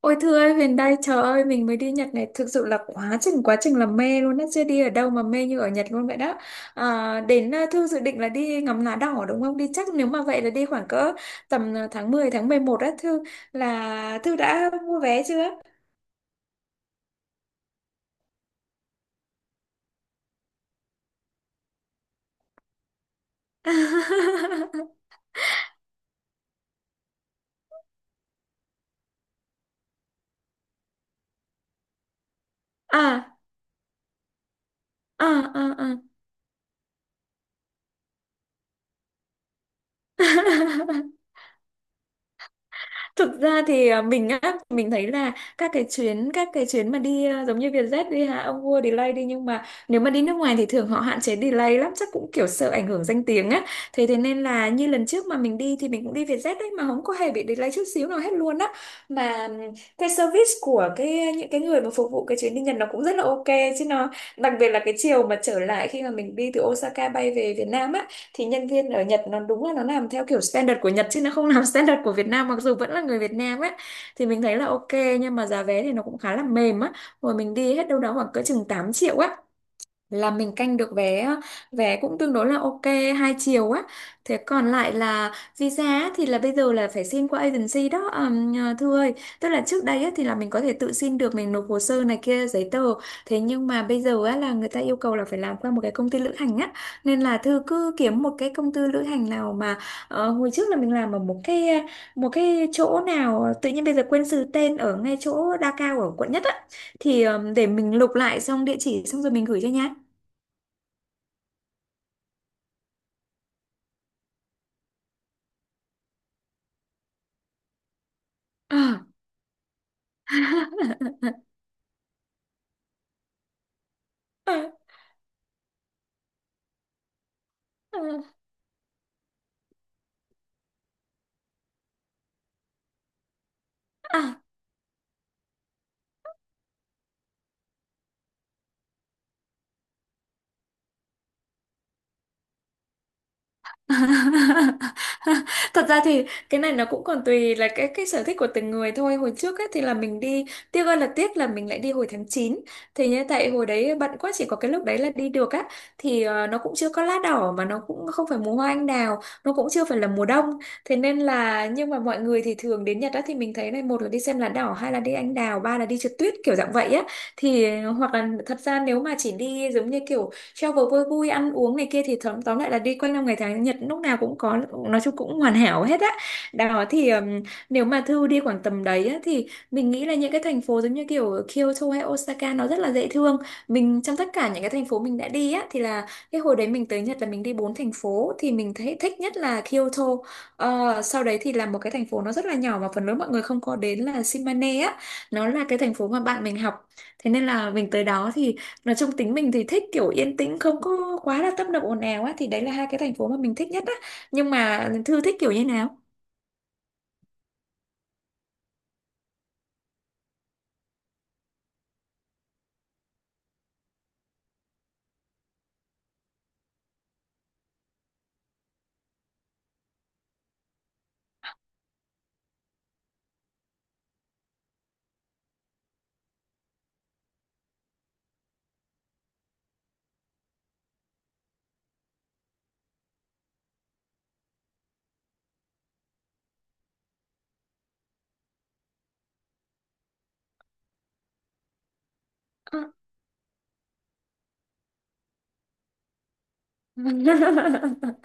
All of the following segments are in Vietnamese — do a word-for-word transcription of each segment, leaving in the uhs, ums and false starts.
Ôi thưa ơi, Huyền đây, trời ơi, mình mới đi Nhật này, thực sự là quá trình quá trình là mê luôn á, chưa đi ở đâu mà mê như ở Nhật luôn vậy đó. À, đến à, Thư dự định là đi ngắm lá đỏ đúng không? Đi chắc nếu mà vậy là đi khoảng cỡ tầm à, tháng mười tháng mười một á, Thư là Thư đã mua vé chưa? À, à, à, à. Thực ra thì à, mình á mình thấy là các cái chuyến các cái chuyến mà đi à, giống như Vietjet đi hả ông vua delay đi, nhưng mà nếu mà đi nước ngoài thì thường họ hạn chế delay lắm, chắc cũng kiểu sợ ảnh hưởng danh tiếng á, thế thế nên là như lần trước mà mình đi thì mình cũng đi Vietjet đấy mà không có hề bị delay chút xíu nào hết luôn á. Mà ừm, cái service của cái những cái người mà phục vụ cái chuyến đi Nhật nó cũng rất là ok chứ nó, đặc biệt là cái chiều mà trở lại khi mà mình đi từ Osaka bay về Việt Nam á, thì nhân viên ở Nhật nó đúng là nó làm theo kiểu standard của Nhật chứ nó không làm standard của Việt Nam, mặc dù vẫn là người Việt Nam ấy, thì mình thấy là ok. Nhưng mà giá vé thì nó cũng khá là mềm á, hồi mình đi hết đâu đó khoảng cỡ chừng tám triệu á, là mình canh được vé á, vé cũng tương đối là ok, hai chiều á. Thế còn lại là visa á, thì là bây giờ là phải xin qua agency đó um, Thư ơi, tức là trước đây á, thì là mình có thể tự xin được, mình nộp hồ sơ này kia giấy tờ, thế nhưng mà bây giờ á, là người ta yêu cầu là phải làm qua một cái công ty lữ hành á, nên là Thư cứ kiếm một cái công ty lữ hành nào mà, ờ, hồi trước là mình làm ở một cái một cái chỗ nào, tự nhiên bây giờ quên sự tên, ở ngay chỗ Đa Cao ở quận nhất á, thì ờ, để mình lục lại xong địa chỉ xong rồi mình gửi cho nhá. À. Thật ra thì cái này nó cũng còn tùy là cái cái sở thích của từng người thôi. Hồi trước ấy thì là mình đi, tiếc ơi là tiếc là mình lại đi hồi tháng chín. Thì như tại hồi đấy bận quá, chỉ có cái lúc đấy là đi được á, thì ờ, nó cũng chưa có lá đỏ mà nó cũng không phải mùa hoa anh đào, nó cũng chưa phải là mùa đông. Thế nên là, nhưng mà mọi người thì thường đến Nhật á thì mình thấy này, một là đi xem lá đỏ, hai là đi anh đào, ba là đi trượt tuyết, kiểu dạng vậy á. Thì hoặc là thật ra nếu mà chỉ đi giống như kiểu travel vui vui ăn uống này kia thì tóm tóm lại là đi quanh năm ngày tháng, Nhật lúc nào cũng có, nói chung cũng hoàn hảo hết á. Đó thì ừm, nếu mà Thư đi khoảng tầm đấy á, thì mình nghĩ là những cái thành phố giống như kiểu Kyoto hay Osaka nó rất là dễ thương. Mình trong tất cả những cái thành phố mình đã đi á thì là cái hồi đấy mình tới Nhật là mình đi bốn thành phố thì mình thấy thích nhất là Kyoto. Ờ, sau đấy thì là một cái thành phố nó rất là nhỏ mà phần lớn mọi người không có đến là Shimane á, nó là cái thành phố mà bạn mình học, thế nên là mình tới đó thì, nói chung tính mình thì thích kiểu yên tĩnh không có quá là tấp nập ồn ào á, thì đấy là hai cái thành phố mà mình thích nhất á. Nhưng mà Thư thích kiểu như nào? Ờ.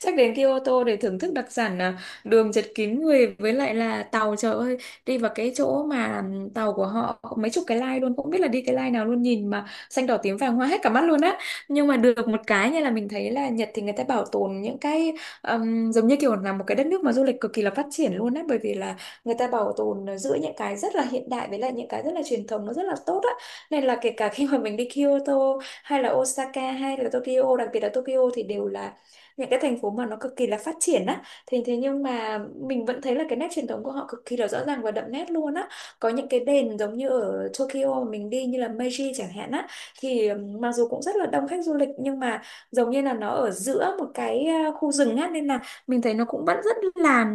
Chắc đến Kyoto để thưởng thức đặc sản à, đường chật kín người với lại là tàu, trời ơi, đi vào cái chỗ mà tàu của họ có mấy chục cái line luôn, không biết là đi cái line nào luôn, nhìn mà xanh đỏ tím vàng hoa hết cả mắt luôn á. Nhưng mà được một cái như là mình thấy là Nhật thì người ta bảo tồn những cái ừm, giống như kiểu là một cái đất nước mà du lịch cực kỳ là phát triển luôn á, bởi vì là người ta bảo tồn giữa những cái rất là hiện đại với lại những cái rất là truyền thống nó rất là tốt á, nên là kể cả khi mà mình đi Kyoto hay là Osaka hay là Tokyo, đặc biệt là Tokyo, thì đều là những cái thành phố mà nó cực kỳ là phát triển á, thế thế nhưng mà mình vẫn thấy là cái nét truyền thống của họ cực kỳ là rõ ràng và đậm nét luôn á. Có những cái đền giống như ở Tokyo mà mình đi như là Meiji chẳng hạn á, thì mặc dù cũng rất là đông khách du lịch nhưng mà giống như là nó ở giữa một cái à, khu rừng á, nên là mình thấy nó cũng vẫn rất là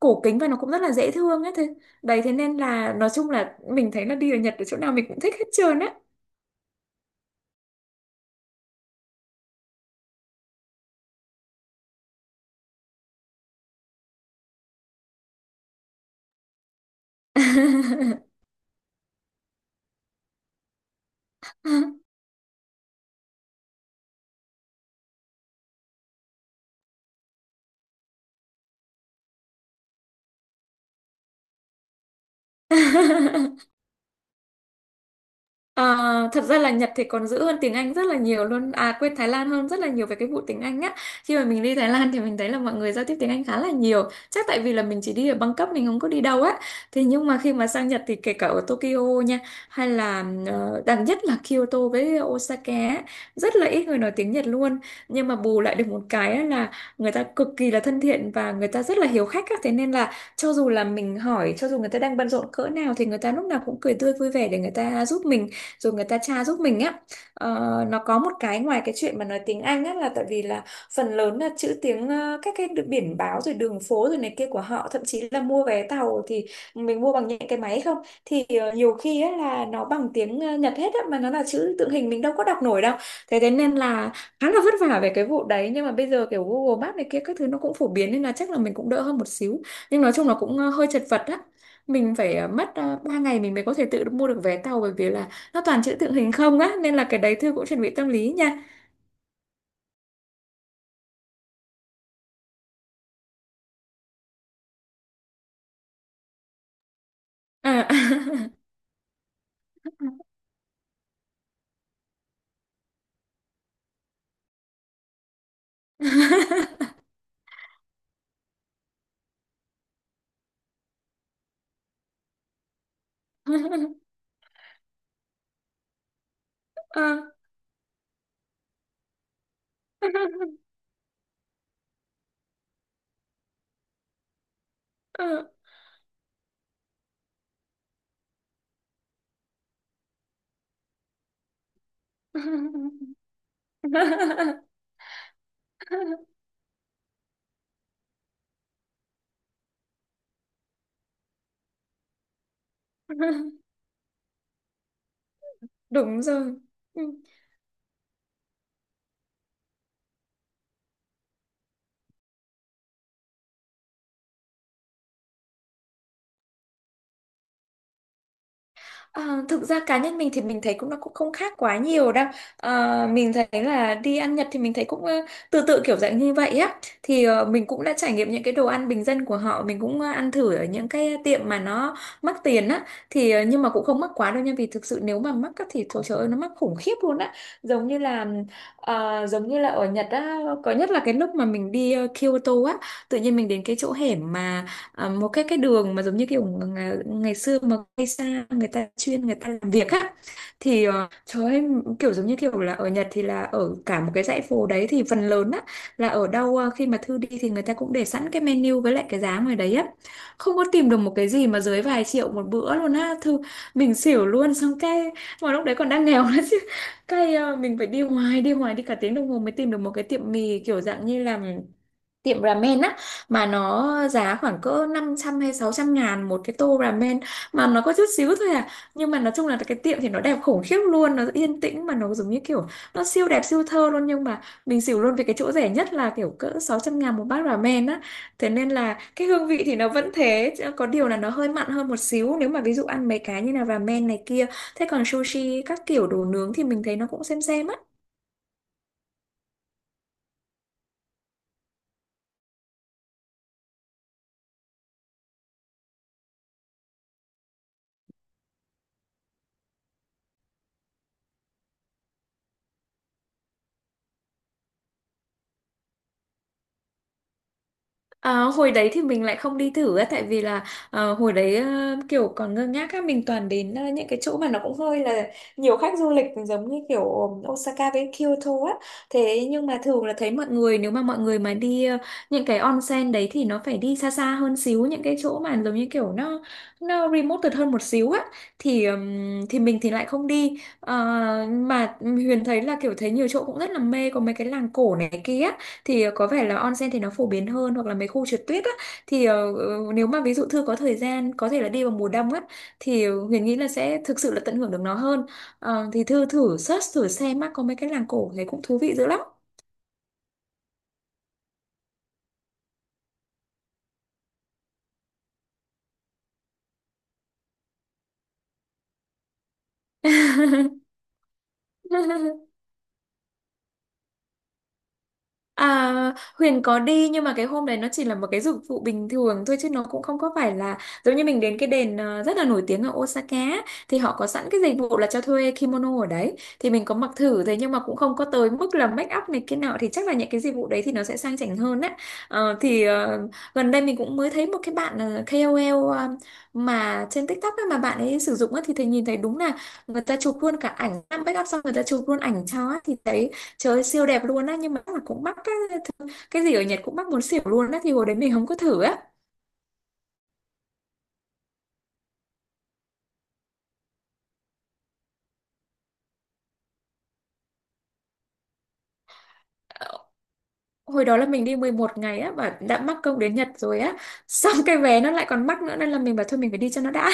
cổ kính và nó cũng rất là dễ thương á. Thế đấy, thế nên là nói chung là mình thấy là đi ở Nhật ở chỗ nào mình cũng thích hết trơn á. À, thật ra là Nhật thì còn giữ hơn tiếng Anh rất là nhiều luôn, à quên, Thái Lan hơn rất là nhiều về cái vụ tiếng Anh á. Khi mà mình đi Thái Lan thì mình thấy là mọi người giao tiếp tiếng Anh khá là nhiều, chắc tại vì là mình chỉ đi ở Bangkok mình không có đi đâu á, thế nhưng mà khi mà sang Nhật thì kể cả ở Tokyo nha, hay là ờ, đặc nhất là Kyoto với Osaka á, rất là ít người nói tiếng Nhật luôn. Nhưng mà bù lại được một cái á là người ta cực kỳ là thân thiện và người ta rất là hiếu khách á, thế nên là cho dù là mình hỏi, cho dù người ta đang bận rộn cỡ nào thì người ta lúc nào cũng cười tươi vui vẻ để người ta giúp mình, rồi người ta tra giúp mình á. Ờ, nó có một cái, ngoài cái chuyện mà nói tiếng Anh á là tại vì là phần lớn là chữ tiếng ờ, các cái biển báo rồi đường phố rồi này kia của họ, thậm chí là mua vé tàu thì mình mua bằng những cái máy không, thì ờ, nhiều khi á là nó bằng tiếng ờ, Nhật hết á, mà nó là chữ tượng hình mình đâu có đọc nổi đâu, thế thế nên là khá là vất vả về cái vụ đấy. Nhưng mà bây giờ kiểu Google Maps này kia các thứ nó cũng phổ biến nên là chắc là mình cũng đỡ hơn một xíu, nhưng nói chung là cũng ờ, hơi chật vật á. Mình phải ờ, mất uh, ba ngày mình mới có thể tự mua được vé tàu, bởi vì là nó toàn chữ tượng hình không á, nên là cái đấy Thư cũng chuẩn bị tâm lý nha. Ờ. Ờ, ờ. Đúng rồi. Ừ. Ờ, Thực ra cá nhân mình thì mình thấy cũng nó cũng không khác quá nhiều đâu. Ờ, mình thấy là đi ăn Nhật thì mình thấy cũng ờ, tự tự kiểu dạng như vậy á. Thì ờ, mình cũng đã trải nghiệm những cái đồ ăn bình dân của họ, mình cũng ờ, ăn thử ở những cái tiệm mà nó mắc tiền á. Thì ờ, nhưng mà cũng không mắc quá đâu nha, vì thực sự nếu mà mắc á, thì thôi trời ơi nó mắc khủng khiếp luôn á. Giống như là, ờ, giống như là ở Nhật á, có nhất là cái lúc mà mình đi ờ, Kyoto á. Tự nhiên mình đến cái chỗ hẻm mà, à, một cái cái đường mà giống như kiểu ngày, ngày xưa mà cây sa người ta chuyên người ta làm việc á. Thì ờ, trời ơi, kiểu giống như kiểu là ở Nhật thì là ở cả một cái dãy phố đấy thì phần lớn á, là ở đâu ờ, khi mà Thư đi thì người ta cũng để sẵn cái menu với lại cái giá ngoài đấy á, không có tìm được một cái gì mà dưới vài triệu một bữa luôn á Thư. Mình xỉu luôn, xong cái mà lúc đấy còn đang nghèo nữa chứ. Cái ờ, mình phải đi hoài đi hoài đi cả tiếng đồng hồ mới tìm được một cái tiệm mì kiểu dạng như là tiệm ramen á, mà nó giá khoảng cỡ năm trăm hay sáu trăm ngàn một cái tô ramen, mà nó có chút xíu thôi à. Nhưng mà nói chung là cái tiệm thì nó đẹp khủng khiếp luôn, nó yên tĩnh, mà nó giống như kiểu nó siêu đẹp siêu thơ luôn, nhưng mà mình xỉu luôn vì cái chỗ rẻ nhất là kiểu cỡ sáu trăm ngàn một bát ramen á. Thế nên là cái hương vị thì nó vẫn thế, chứ có điều là nó hơi mặn hơn một xíu nếu mà ví dụ ăn mấy cái như là ramen này kia. Thế còn sushi các kiểu đồ nướng thì mình thấy nó cũng xem xem á. Ờ, hồi đấy thì mình lại không đi thử á, tại vì là ờ, hồi đấy ờ, kiểu còn ngơ ngác á, mình toàn đến ờ, những cái chỗ mà nó cũng hơi là nhiều khách du lịch, giống như kiểu Osaka với Kyoto á. Thế nhưng mà thường là thấy mọi người nếu mà mọi người mà đi ờ, những cái onsen đấy thì nó phải đi xa xa hơn xíu, những cái chỗ mà giống như kiểu nó nó remote hơn một xíu á. Thì ừm, thì mình thì lại không đi. Ờ, mà Huyền thấy là kiểu thấy nhiều chỗ cũng rất là mê, có mấy cái làng cổ này kia. Thì ờ, có vẻ là onsen thì nó phổ biến hơn, hoặc là mấy khu trượt tuyết á. Thì ờ, ờ, nếu mà ví dụ Thư có thời gian có thể là đi vào mùa đông á, thì ờ, Huyền nghĩ là sẽ thực sự là tận hưởng được nó hơn. Ờ, thì Thư thử search thử xem á, có mấy cái làng cổ thấy cũng thú vị dữ lắm. À, Huyền có đi, nhưng mà cái hôm đấy nó chỉ là một cái dịch vụ bình thường thôi, chứ nó cũng không có phải là giống như mình đến cái đền ờ, rất là nổi tiếng ở Osaka á, thì họ có sẵn cái dịch vụ là cho thuê kimono ở đấy, thì mình có mặc thử. Thế nhưng mà cũng không có tới mức là make up này kia nọ, thì chắc là những cái dịch vụ đấy thì nó sẽ sang chảnh hơn á. Ờ, thì ờ, Gần đây mình cũng mới thấy một cái bạn ờ, ca ô lờ, ờ, mà trên TikTok á, mà bạn ấy sử dụng á, thì thầy nhìn thấy đúng là người ta chụp luôn cả ảnh make up xong người ta chụp luôn ảnh cho á, thì thấy trời ơi, siêu đẹp luôn á, nhưng mà chắc là cũng mắc á. Thứ- cái gì ở Nhật cũng mắc muốn xỉu luôn á, thì hồi đấy mình không có thử á. Ờ, hồi đó là mình đi mười một ngày á, và đã mắc công đến Nhật rồi á xong cái vé nó lại còn mắc nữa, nên là mình bảo thôi mình phải đi cho nó đã.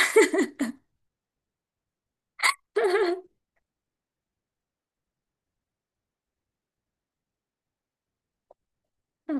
Ừ.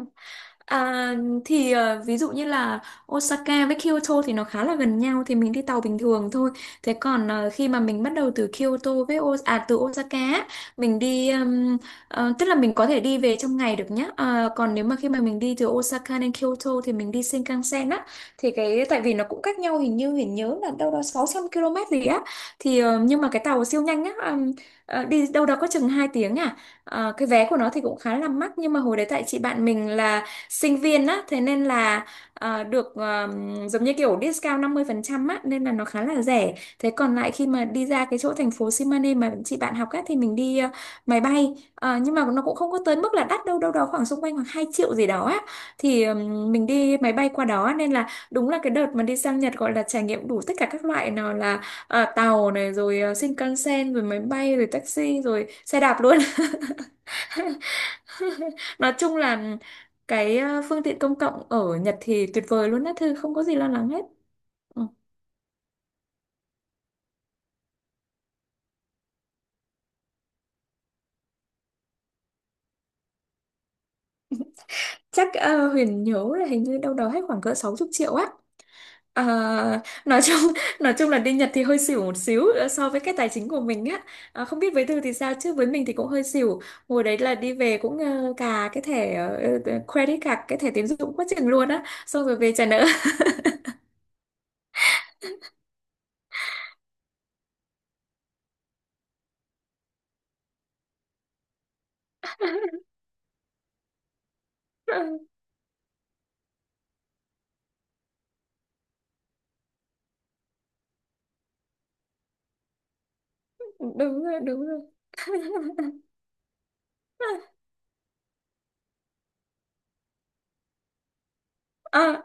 À, thì ờ, ví dụ như là Osaka với Kyoto thì nó khá là gần nhau thì mình đi tàu bình thường thôi. Thế còn ờ, khi mà mình bắt đầu từ Kyoto với O à từ Osaka á, mình đi ừm, ờ, tức là mình có thể đi về trong ngày được nhá. Ờ, còn nếu mà khi mà mình đi từ Osaka đến Kyoto thì mình đi Shinkansen á, thì cái tại vì nó cũng cách nhau hình như mình nhớ là đâu đó sáu trăm ki lô mét gì á. Thì ờ, nhưng mà cái tàu siêu nhanh á, ừm, ờ, đi đâu đó có chừng hai tiếng à. Ờ, cái vé của nó thì cũng khá là mắc, nhưng mà hồi đấy tại chị bạn mình là sinh viên á, thế nên là ờ, được ờ, giống như kiểu discount năm mươi phần trăm á, nên là nó khá là rẻ. Thế còn lại khi mà đi ra cái chỗ thành phố Simane mà chị bạn học á thì mình đi ờ, máy bay. Ờ, nhưng mà nó cũng không có tới mức là đắt đâu, đâu đó khoảng xung quanh khoảng hai triệu gì đó á, thì ừm, mình đi máy bay qua đó, nên là đúng là cái đợt mà đi sang Nhật gọi là trải nghiệm đủ tất cả các loại, nào là ờ, tàu này, rồi ờ, Shinkansen, rồi máy bay, rồi taxi, rồi xe đạp luôn. Nói chung là cái ờ, phương tiện công cộng ở Nhật thì tuyệt vời luôn á Thư, không có gì lo lắng hết. Ừ. Chắc ờ, Huyền nhớ là hình như đâu đó hết khoảng cỡ sáu mươi triệu á. Ờ, nói chung nói chung là đi Nhật thì hơi xỉu một xíu ờ, so với cái tài chính của mình á. Ờ, không biết với Thư thì sao, chứ với mình thì cũng hơi xỉu. Hồi đấy là đi về cũng ờ, cà cái thẻ, ờ, ờ, ờ, credit card, cái thẻ tín dụng quá chừng luôn á, xong rồi về trả nợ. Đúng rồi, đúng rồi. Ờ,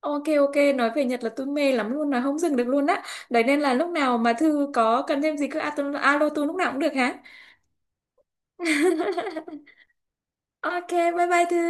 ok ok, nói về Nhật là tôi mê lắm luôn, nói không dừng được luôn á. Đấy nên là lúc nào mà Thư có cần thêm gì cứ alo tôi, alo tôi lúc nào cũng được hả? Ok, bye bye Thư.